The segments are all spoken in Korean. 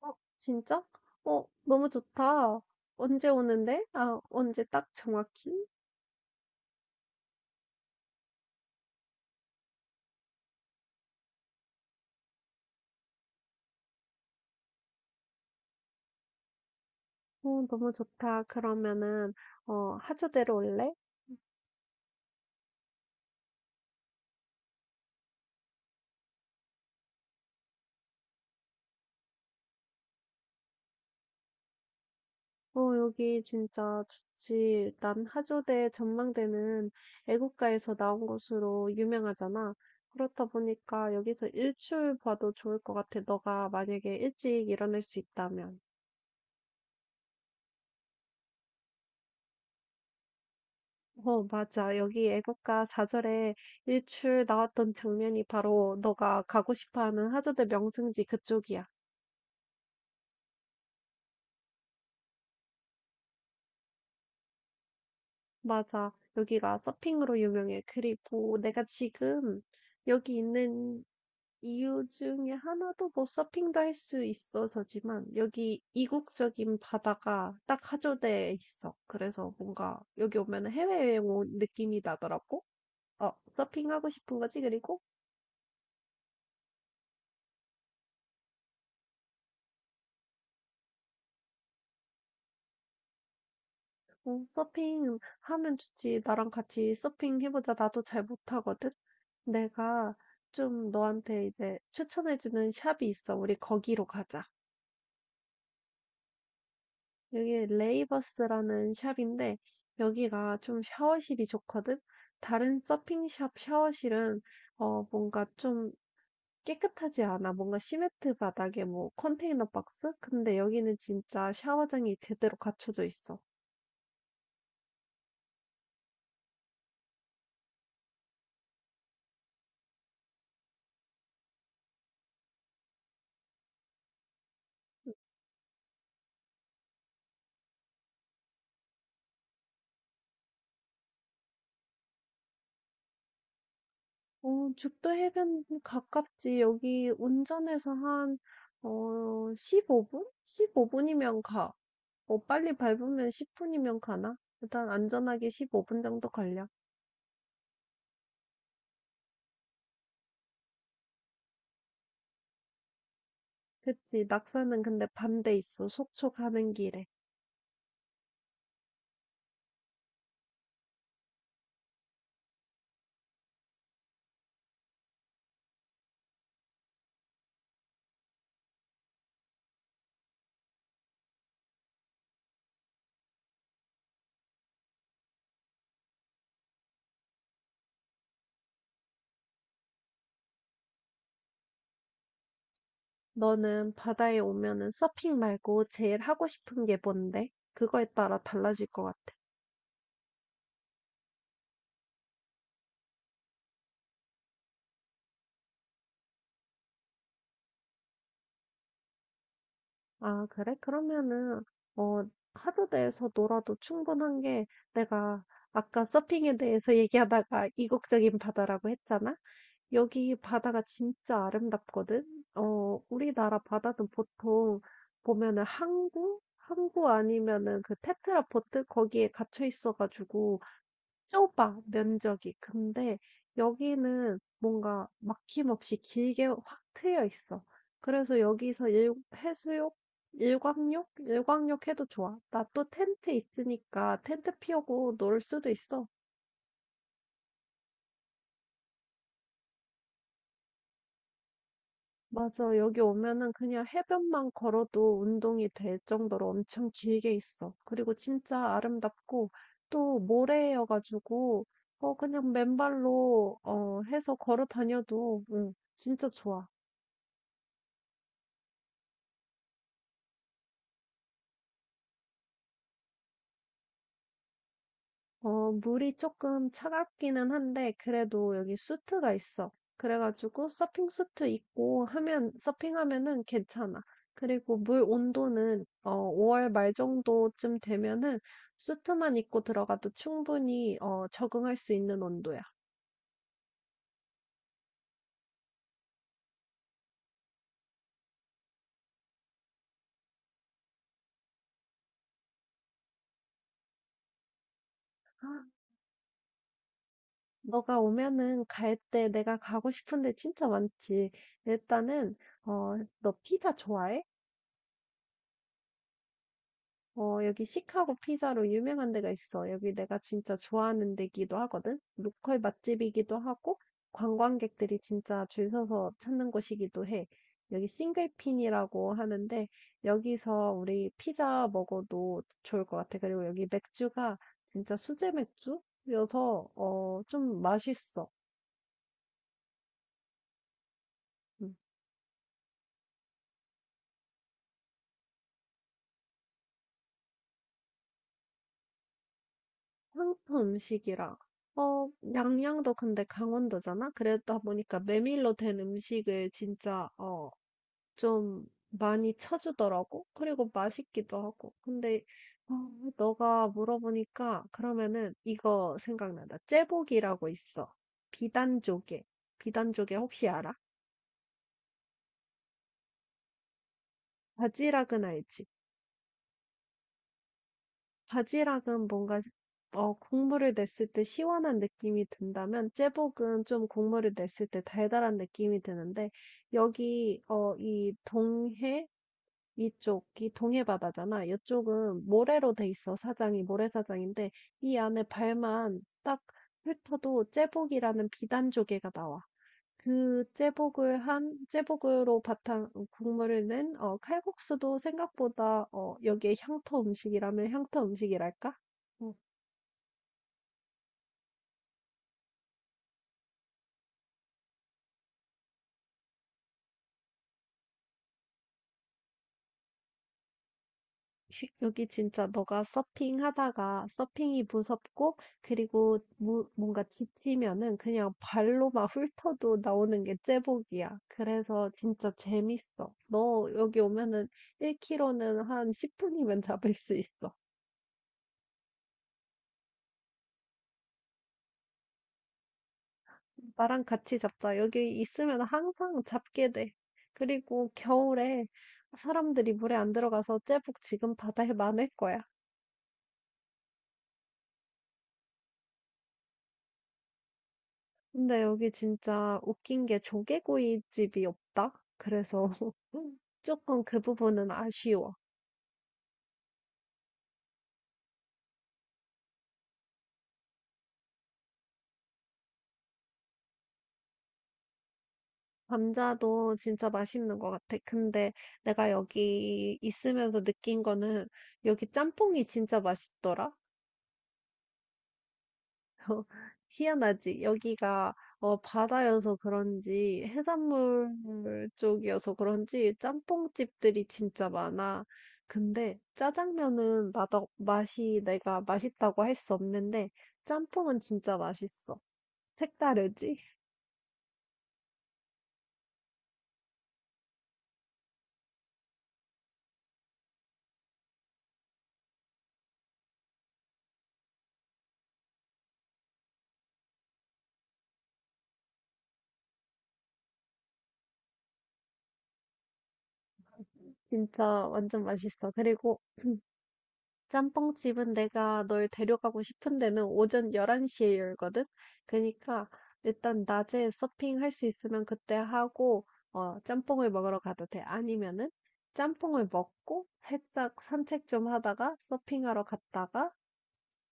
어, 진짜? 어, 너무 좋다. 언제 오는데? 아, 언제 딱 정확히? 어, 너무 좋다. 그러면은, 하조대로 올래? 어, 여기 진짜 좋지. 난 하조대 전망대는 애국가에서 나온 곳으로 유명하잖아. 그렇다 보니까 여기서 일출 봐도 좋을 것 같아. 너가 만약에 일찍 일어날 수 있다면. 어, 맞아. 여기 애국가 4절에 일출 나왔던 장면이 바로 너가 가고 싶어 하는 하조대 명승지 그쪽이야. 맞아. 여기가 서핑으로 유명해. 그리고 내가 지금 여기 있는 이유 중에 하나도 뭐 서핑도 할 수 있어서지만 여기 이국적인 바다가 딱 하조대에 있어. 그래서 뭔가 여기 오면 해외여행 온 느낌이 나더라고. 어, 서핑하고 싶은 거지? 그리고 서핑 하면 좋지. 나랑 같이 서핑 해보자. 나도 잘 못하거든. 내가 좀 너한테 이제 추천해주는 샵이 있어. 우리 거기로 가자. 여기 레이버스라는 샵인데 여기가 좀 샤워실이 좋거든. 다른 서핑샵 샤워실은 뭔가 좀 깨끗하지 않아. 뭔가 시멘트 바닥에 뭐 컨테이너 박스? 근데 여기는 진짜 샤워장이 제대로 갖춰져 있어. 어 죽도 해변 가깝지. 여기 운전해서 한 15 분? 15 분이면 가. 어 빨리 밟으면 10 분이면 가나? 일단 안전하게 15분 정도 걸려. 그치. 낙서는 근데 반대 있어. 속초 가는 길에. 너는 바다에 오면은 서핑 말고 제일 하고 싶은 게 뭔데? 그거에 따라 달라질 것 같아. 아, 그래? 그러면은, 어, 하루 내에서 놀아도 충분한 게 내가 아까 서핑에 대해서 얘기하다가 이국적인 바다라고 했잖아? 여기 바다가 진짜 아름답거든? 어, 우리나라 바다는 보통 보면은 항구? 항구 아니면은 그 테트라포트? 거기에 갇혀 있어가지고 좁아, 면적이. 근데 여기는 뭔가 막힘없이 길게 확 트여 있어. 그래서 여기서 해수욕, 일광욕? 일광욕 해도 좋아. 나 또 텐트 있으니까 텐트 피우고 놀 수도 있어. 맞아, 여기 오면은 그냥 해변만 걸어도 운동이 될 정도로 엄청 길게 있어. 그리고 진짜 아름답고 또 모래여가지고 어, 그냥 맨발로 해서 걸어 다녀도 응, 진짜 좋아. 어, 물이 조금 차갑기는 한데, 그래도 여기 수트가 있어. 그래가지고 서핑 수트 입고 하면, 서핑하면은 괜찮아. 그리고 물 온도는, 5월 말 정도쯤 되면은 수트만 입고 들어가도 충분히, 적응할 수 있는 온도야. 아, 너가 오면은 갈 때 내가 가고 싶은데 진짜 많지. 일단은, 어, 너 피자 좋아해? 어, 여기 시카고 피자로 유명한 데가 있어. 여기 내가 진짜 좋아하는 데기도 하거든. 로컬 맛집이기도 하고, 관광객들이 진짜 줄 서서 찾는 곳이기도 해. 여기 싱글핀이라고 하는데, 여기서 우리 피자 먹어도 좋을 것 같아. 그리고 여기 맥주가 진짜 수제 맥주여서, 좀 맛있어. 음, 한국 음식이라. 어, 양양도 근데 강원도잖아? 그러다 보니까 메밀로 된 음식을 진짜, 좀 많이 쳐주더라고. 그리고 맛있기도 하고. 근데 어, 너가 물어보니까 그러면은 이거 생각난다. 째복이라고 있어. 비단조개. 비단조개 혹시 알아? 바지락은 알지? 바지락은 뭔가 국물을 냈을 때 시원한 느낌이 든다면 째복은 좀 국물을 냈을 때 달달한 느낌이 드는데 여기 이 동해 이쪽이 동해바다잖아. 이쪽은 모래로 돼 있어, 사장이. 모래사장인데, 이 안에 발만 딱 훑어도 제복이라는 비단 조개가 나와. 그 제복을 제복으로 바탕, 국물을 낸, 칼국수도 생각보다, 여기에 향토 음식이라면 향토 음식이랄까? 어, 여기 진짜 너가 서핑하다가 서핑이 무섭고 그리고 뭔가 지치면은 그냥 발로 막 훑어도 나오는 게 제복이야. 그래서 진짜 재밌어. 너 여기 오면은 1kg는 한 10분이면 잡을 수 있어. 나랑 같이 잡자. 여기 있으면 항상 잡게 돼. 그리고 겨울에 사람들이 물에 안 들어가서 제복 지금 바다에 많을 거야. 근데 여기 진짜 웃긴 게 조개구이집이 없다? 그래서 조금 그 부분은 아쉬워. 감자도 진짜 맛있는 것 같아. 근데 내가 여기 있으면서 느낀 거는 여기 짬뽕이 진짜 맛있더라. 어, 희한하지. 여기가 어, 바다여서 그런지 해산물 쪽이어서 그런지 짬뽕집들이 진짜 많아. 근데 짜장면은 맛이 내가 맛있다고 할 수 없는데 짬뽕은 진짜 맛있어. 색다르지? 진짜 완전 맛있어. 그리고 짬뽕집은 내가 널 데려가고 싶은 데는 오전 11시에 열거든? 그러니까 일단 낮에 서핑할 수 있으면 그때 하고, 어, 짬뽕을 먹으러 가도 돼. 아니면은 짬뽕을 먹고 살짝 산책 좀 하다가 서핑하러 갔다가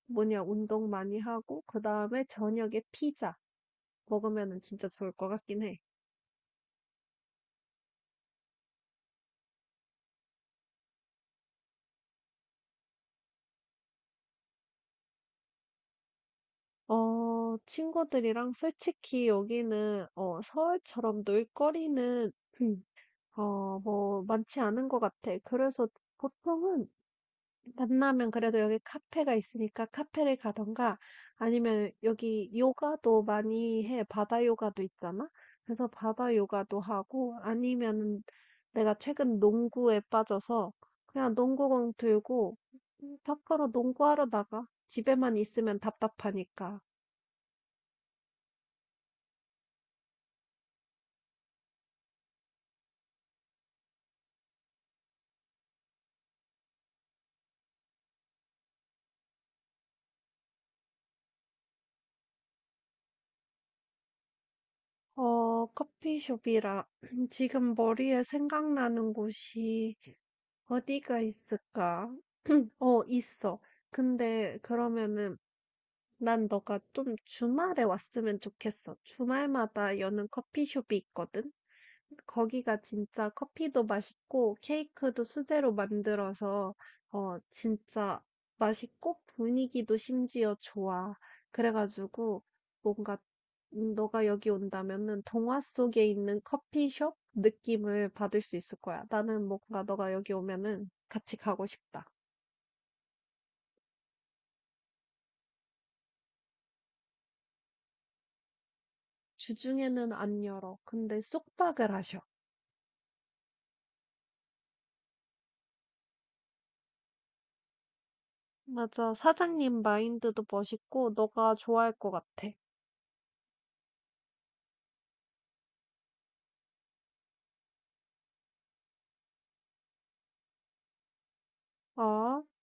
뭐냐, 운동 많이 하고, 그 다음에 저녁에 피자 먹으면은 진짜 좋을 것 같긴 해. 어, 친구들이랑 솔직히 여기는 서울처럼 놀거리는 뭐 많지 않은 것 같아. 그래서 보통은 만나면 그래도 여기 카페가 있으니까 카페를 가던가 아니면 여기 요가도 많이 해. 바다 요가도 있잖아. 그래서 바다 요가도 하고 아니면 내가 최근 농구에 빠져서 그냥 농구공 들고 밖으로 농구하러 나가. 집에만 있으면 답답하니까. 어, 커피숍이라 지금 머리에 생각나는 곳이 어디가 있을까? 어, 있어. 근데 그러면은 난 너가 좀 주말에 왔으면 좋겠어. 주말마다 여는 커피숍이 있거든. 거기가 진짜 커피도 맛있고 케이크도 수제로 만들어서 진짜 맛있고 분위기도 심지어 좋아. 그래가지고 뭔가 너가 여기 온다면은 동화 속에 있는 커피숍 느낌을 받을 수 있을 거야. 나는 뭔가 너가 여기 오면은 같이 가고 싶다. 주중에는 안 열어. 근데 쑥박을 하셔. 맞아. 사장님 마인드도 멋있고 너가 좋아할 것 같아. 아.